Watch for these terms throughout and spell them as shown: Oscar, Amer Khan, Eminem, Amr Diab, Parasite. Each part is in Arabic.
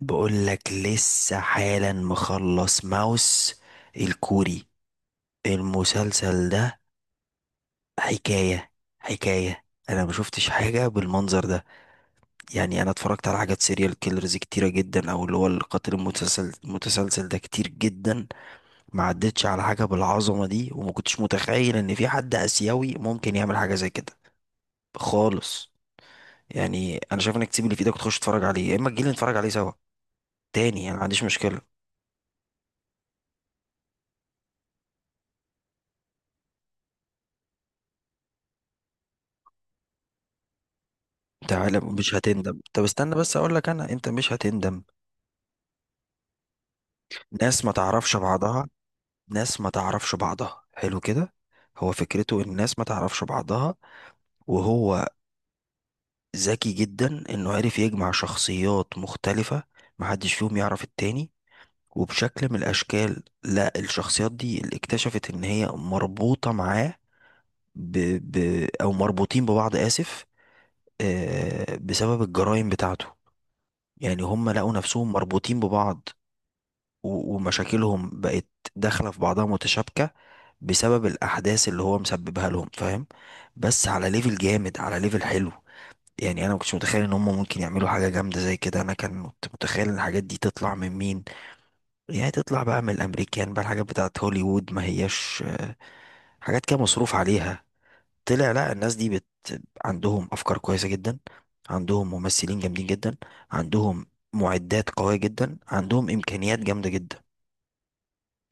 بقولك لسه حالا مخلص ماوس الكوري. المسلسل ده حكاية حكاية. انا ما شفتش حاجة بالمنظر ده. يعني انا اتفرجت على حاجات سيريال كيلرز كتيرة جدا، او اللي هو القاتل المتسلسل ده كتير جدا. ما عدتش على حاجة بالعظمة دي، وما كنتش متخيل ان في حد اسيوي ممكن يعمل حاجة زي كده خالص. يعني انا شايف انك تسيب اللي في ايدك وتخش تتفرج عليه، يا اما تجيلي نتفرج عليه سوا تاني. انا ما عنديش مشكلة. تعالى مش هتندم. طب استنى بس اقول لك انا، انت مش هتندم. ناس ما تعرفش بعضها، ناس ما تعرفش بعضها حلو كده. هو فكرته ان الناس ما تعرفش بعضها. وهو ذكي جدا انه عرف يجمع شخصيات مختلفة محدش فيهم يعرف التاني، وبشكل من الاشكال لا، الشخصيات دي اللي اكتشفت ان هي مربوطة معاه ب... او مربوطين ببعض، اسف، بسبب الجرائم بتاعته. يعني هم لقوا نفسهم مربوطين ببعض، و- ومشاكلهم بقت داخلة في بعضها متشابكة بسبب الأحداث اللي هو مسببها لهم، فاهم؟ بس على ليفل جامد، على ليفل حلو. يعني أنا مكنتش متخيل إن هم ممكن يعملوا حاجة جامدة زي كده. أنا كنت متخيل إن الحاجات دي تطلع من مين؟ يعني تطلع بقى من الأمريكان بقى، الحاجات بتاعت هوليوود، ما هياش حاجات كده مصروف عليها. طلع لا، الناس دي عندهم أفكار كويسة جدا، عندهم ممثلين جامدين جدا، عندهم معدات قوية جدا، عندهم إمكانيات جامدة جدا.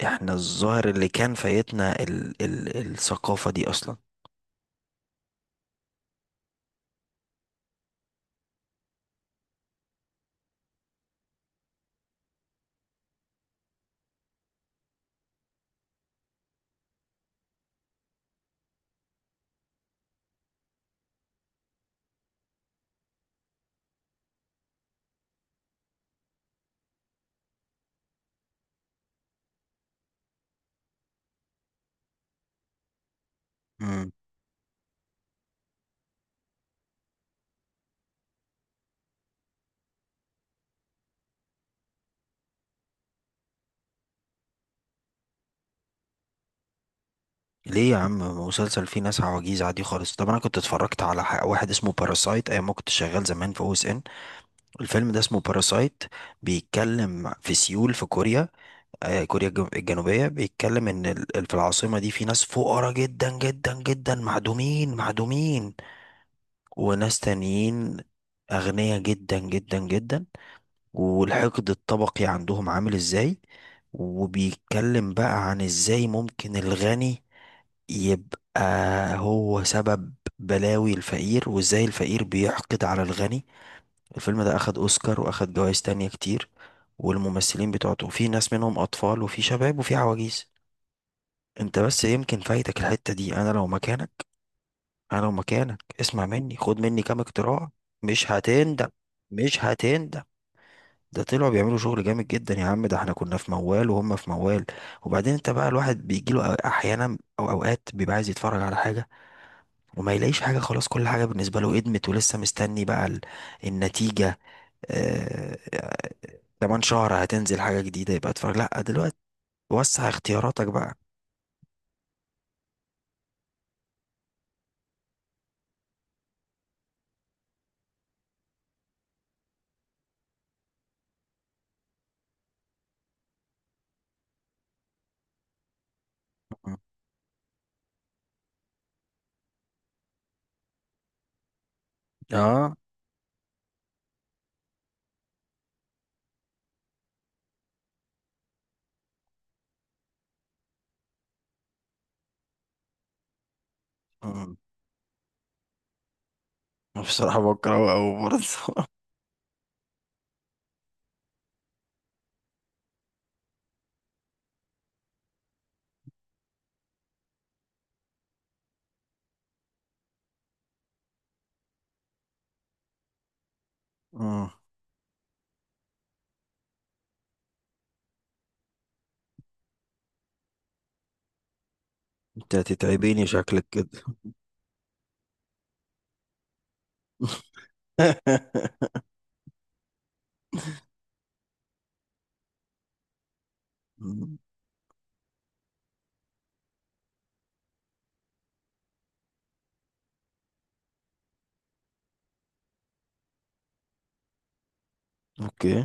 احنا الظاهر اللي كان فايتنا ال ال الثقافة دي اصلا. امم. ليه يا عم؟ مسلسل فيه ناس عواجيز عادي خالص. طب انا كنت اتفرجت على واحد اسمه باراسايت ايام ما كنت شغال زمان في او اس ان. الفيلم ده اسمه باراسايت، بيتكلم في سيول في كوريا، آه كوريا الجنوبية. بيتكلم ان في العاصمة دي في ناس فقراء جدا جدا جدا، معدومين معدومين، وناس تانيين اغنياء جدا جدا جدا، والحقد الطبقي عندهم عامل ازاي. وبيتكلم بقى عن ازاي ممكن الغني يبقى هو سبب بلاوي الفقير، وازاي الفقير بيحقد على الغني. الفيلم ده اخد اوسكار واخد جوائز تانية كتير، والممثلين بتوعته في ناس منهم اطفال وفي شباب وفي عواجيز. انت بس يمكن فايتك الحتة دي. انا لو مكانك، انا لو مكانك اسمع مني، خد مني كام اقتراح. مش هتندم، مش هتندم. ده طلعوا بيعملوا شغل جامد جدا يا عم. ده احنا كنا في موال وهم في موال. وبعدين انت بقى الواحد بيجيله احيانا او اوقات بيبقى عايز يتفرج على حاجة وما يلاقيش حاجة. خلاص، كل حاجة بالنسبة له ادمت ولسه مستني بقى النتيجة. آه. آه. كمان شهر هتنزل حاجة جديدة، يبقى اتفرج لا دلوقتي. وسع اختياراتك بقى. م- اه. م- بصراحة بكرهه أوي برضه م. انت هتتعبيني شكلك كده. م. اوكي.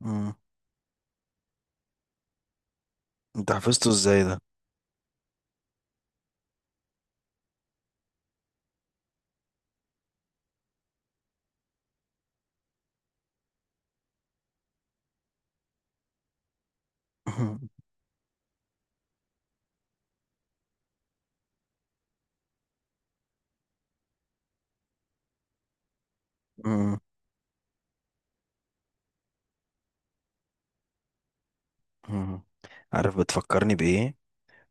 م. انت حفظته ازاي ده؟ مم. مم. مم. عارف بتفكرني بإيه؟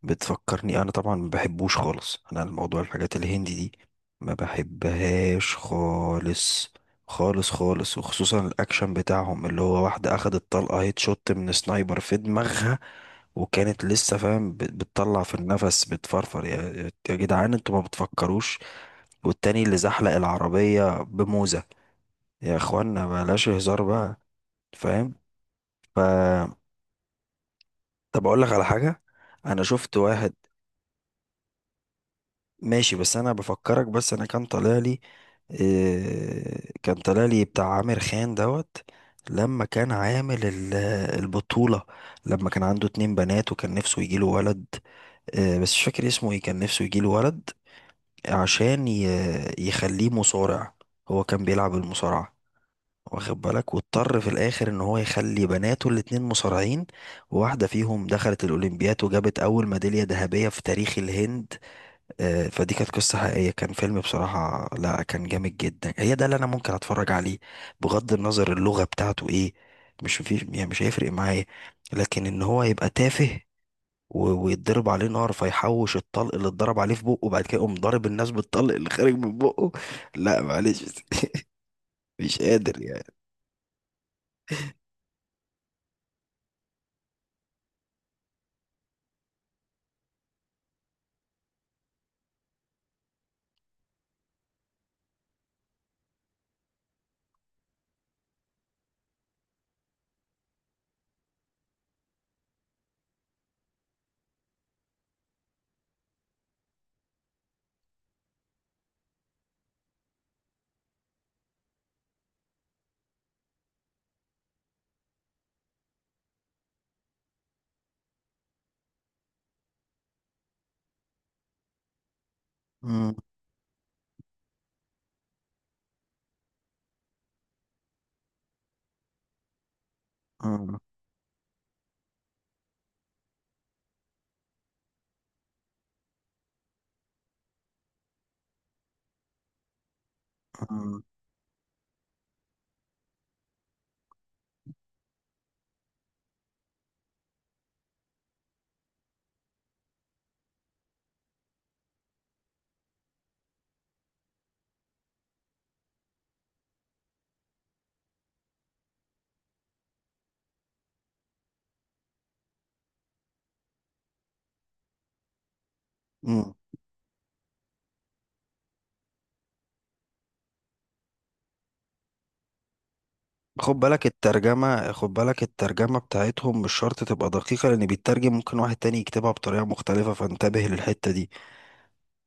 بتفكرني. أنا طبعا ما بحبوش خالص، أنا الموضوع الحاجات الهندي دي ما بحبهاش خالص خالص خالص، وخصوصا الأكشن بتاعهم، اللي هو واحدة أخدت طلقة هيت شوت من سنايبر في دماغها وكانت لسه فاهم بتطلع في النفس بتفرفر. يا يا جدعان انتوا ما بتفكروش؟ والتاني اللي زحلق العربية بموزة. يا اخوانا بلاش هزار بقى. فاهم؟ طب اقول لك على حاجه. انا شفت واحد. ماشي، بس انا بفكرك. بس انا كان طالع لي إيه، كان طالع لي بتاع عامر خان دوت لما كان عامل البطوله. لما كان عنده اتنين بنات وكان نفسه يجيله ولد. إيه بس مش فاكر اسمه ايه. كان نفسه يجيله ولد عشان يخليه مصارع. هو كان بيلعب المصارعه، واخد بالك، واضطر في الاخر ان هو يخلي بناته الاتنين مصارعين، وواحده فيهم دخلت الاولمبياد وجابت اول ميداليه ذهبيه في تاريخ الهند. فدي كانت قصه حقيقيه. كان فيلم بصراحه لا كان جامد جدا. هي ده اللي انا ممكن اتفرج عليه بغض النظر اللغه بتاعته ايه، مش في يعني مش هيفرق معايا. لكن ان هو يبقى تافه و- ويتضرب عليه نار فيحوش الطلق اللي اتضرب عليه في بقه وبعد كده يقوم ضارب الناس بالطلق اللي خارج من بقه، لا معلش مش قادر يعني. مم. مم. مم. مم. خد بالك الترجمة، خد بالك الترجمة بتاعتهم مش شرط تبقى دقيقة، لأن بيترجم ممكن واحد تاني يكتبها بطريقة مختلفة، فانتبه للحتة دي.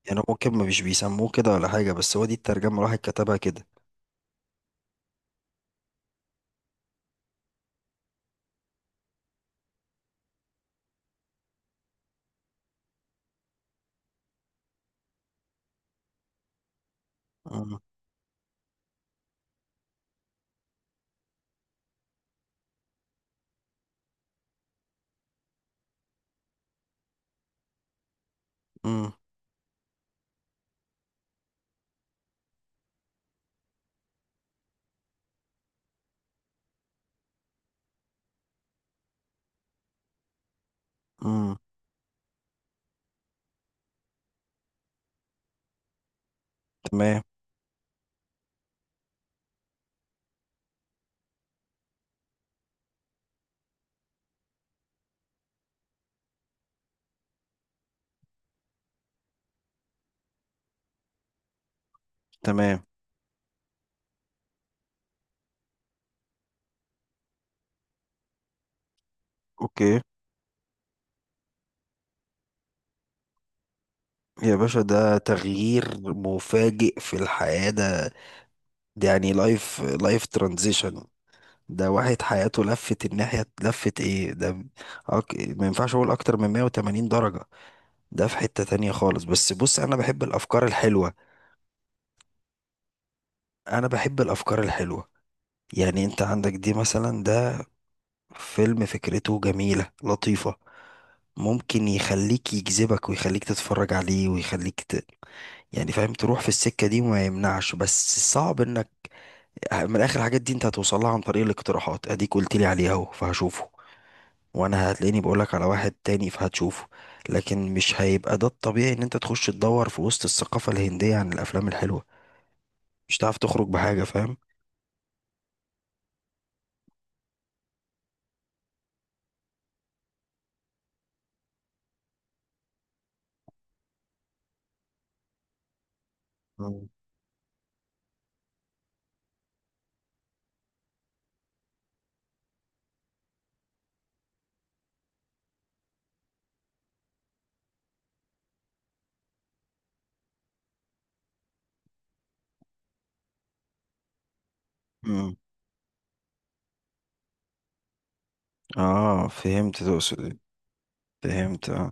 يعني هو ممكن ما مش بيسموه كده ولا حاجة، بس هو دي الترجمة الواحد كتبها كده. مم. مم. مم. تمام. تمام. اوكي. يا باشا ده تغيير مفاجئ في الحياة ده، ده يعني لايف ترانزيشن. ده واحد حياته لفت الناحية، لفت ايه ده؟ ما ينفعش اقول اكتر من 180 درجة. ده في حتة تانية خالص. بس بص انا بحب الافكار الحلوة، انا بحب الافكار الحلوة. يعني انت عندك دي مثلا، ده فيلم فكرته جميلة لطيفة، ممكن يخليك يجذبك ويخليك تتفرج عليه ويخليك يعني فاهم، تروح في السكة دي وما يمنعش. بس صعب انك من الاخر الحاجات دي انت هتوصلها عن طريق الاقتراحات. اديك قلت لي عليه اهو فهشوفه، وانا هتلاقيني بقولك على واحد تاني فهتشوفه. لكن مش هيبقى ده الطبيعي ان انت تخش تدور في وسط الثقافة الهندية عن الافلام الحلوة، مش هتعرف تخرج بحاجة. فاهم؟ مم. مم. اه فهمت تقصد إيه. فهمت اه.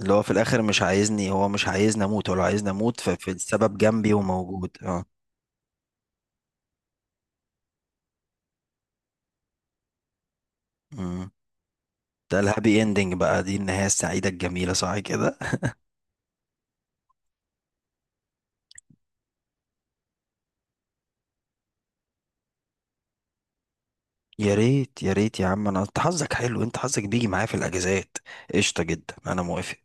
اللي هو في الاخر مش عايزني، هو مش عايزني اموت ولا عايزني اموت، فالسبب جنبي وموجود اه. مم. ده الهابي اندنج بقى، دي النهاية السعيدة الجميلة صح كده؟ يا ريت يا ريت يا عم. انا انت حظك حلو، انت حظك بيجي معايا في الاجازات. قشطة جدا، انا موافق.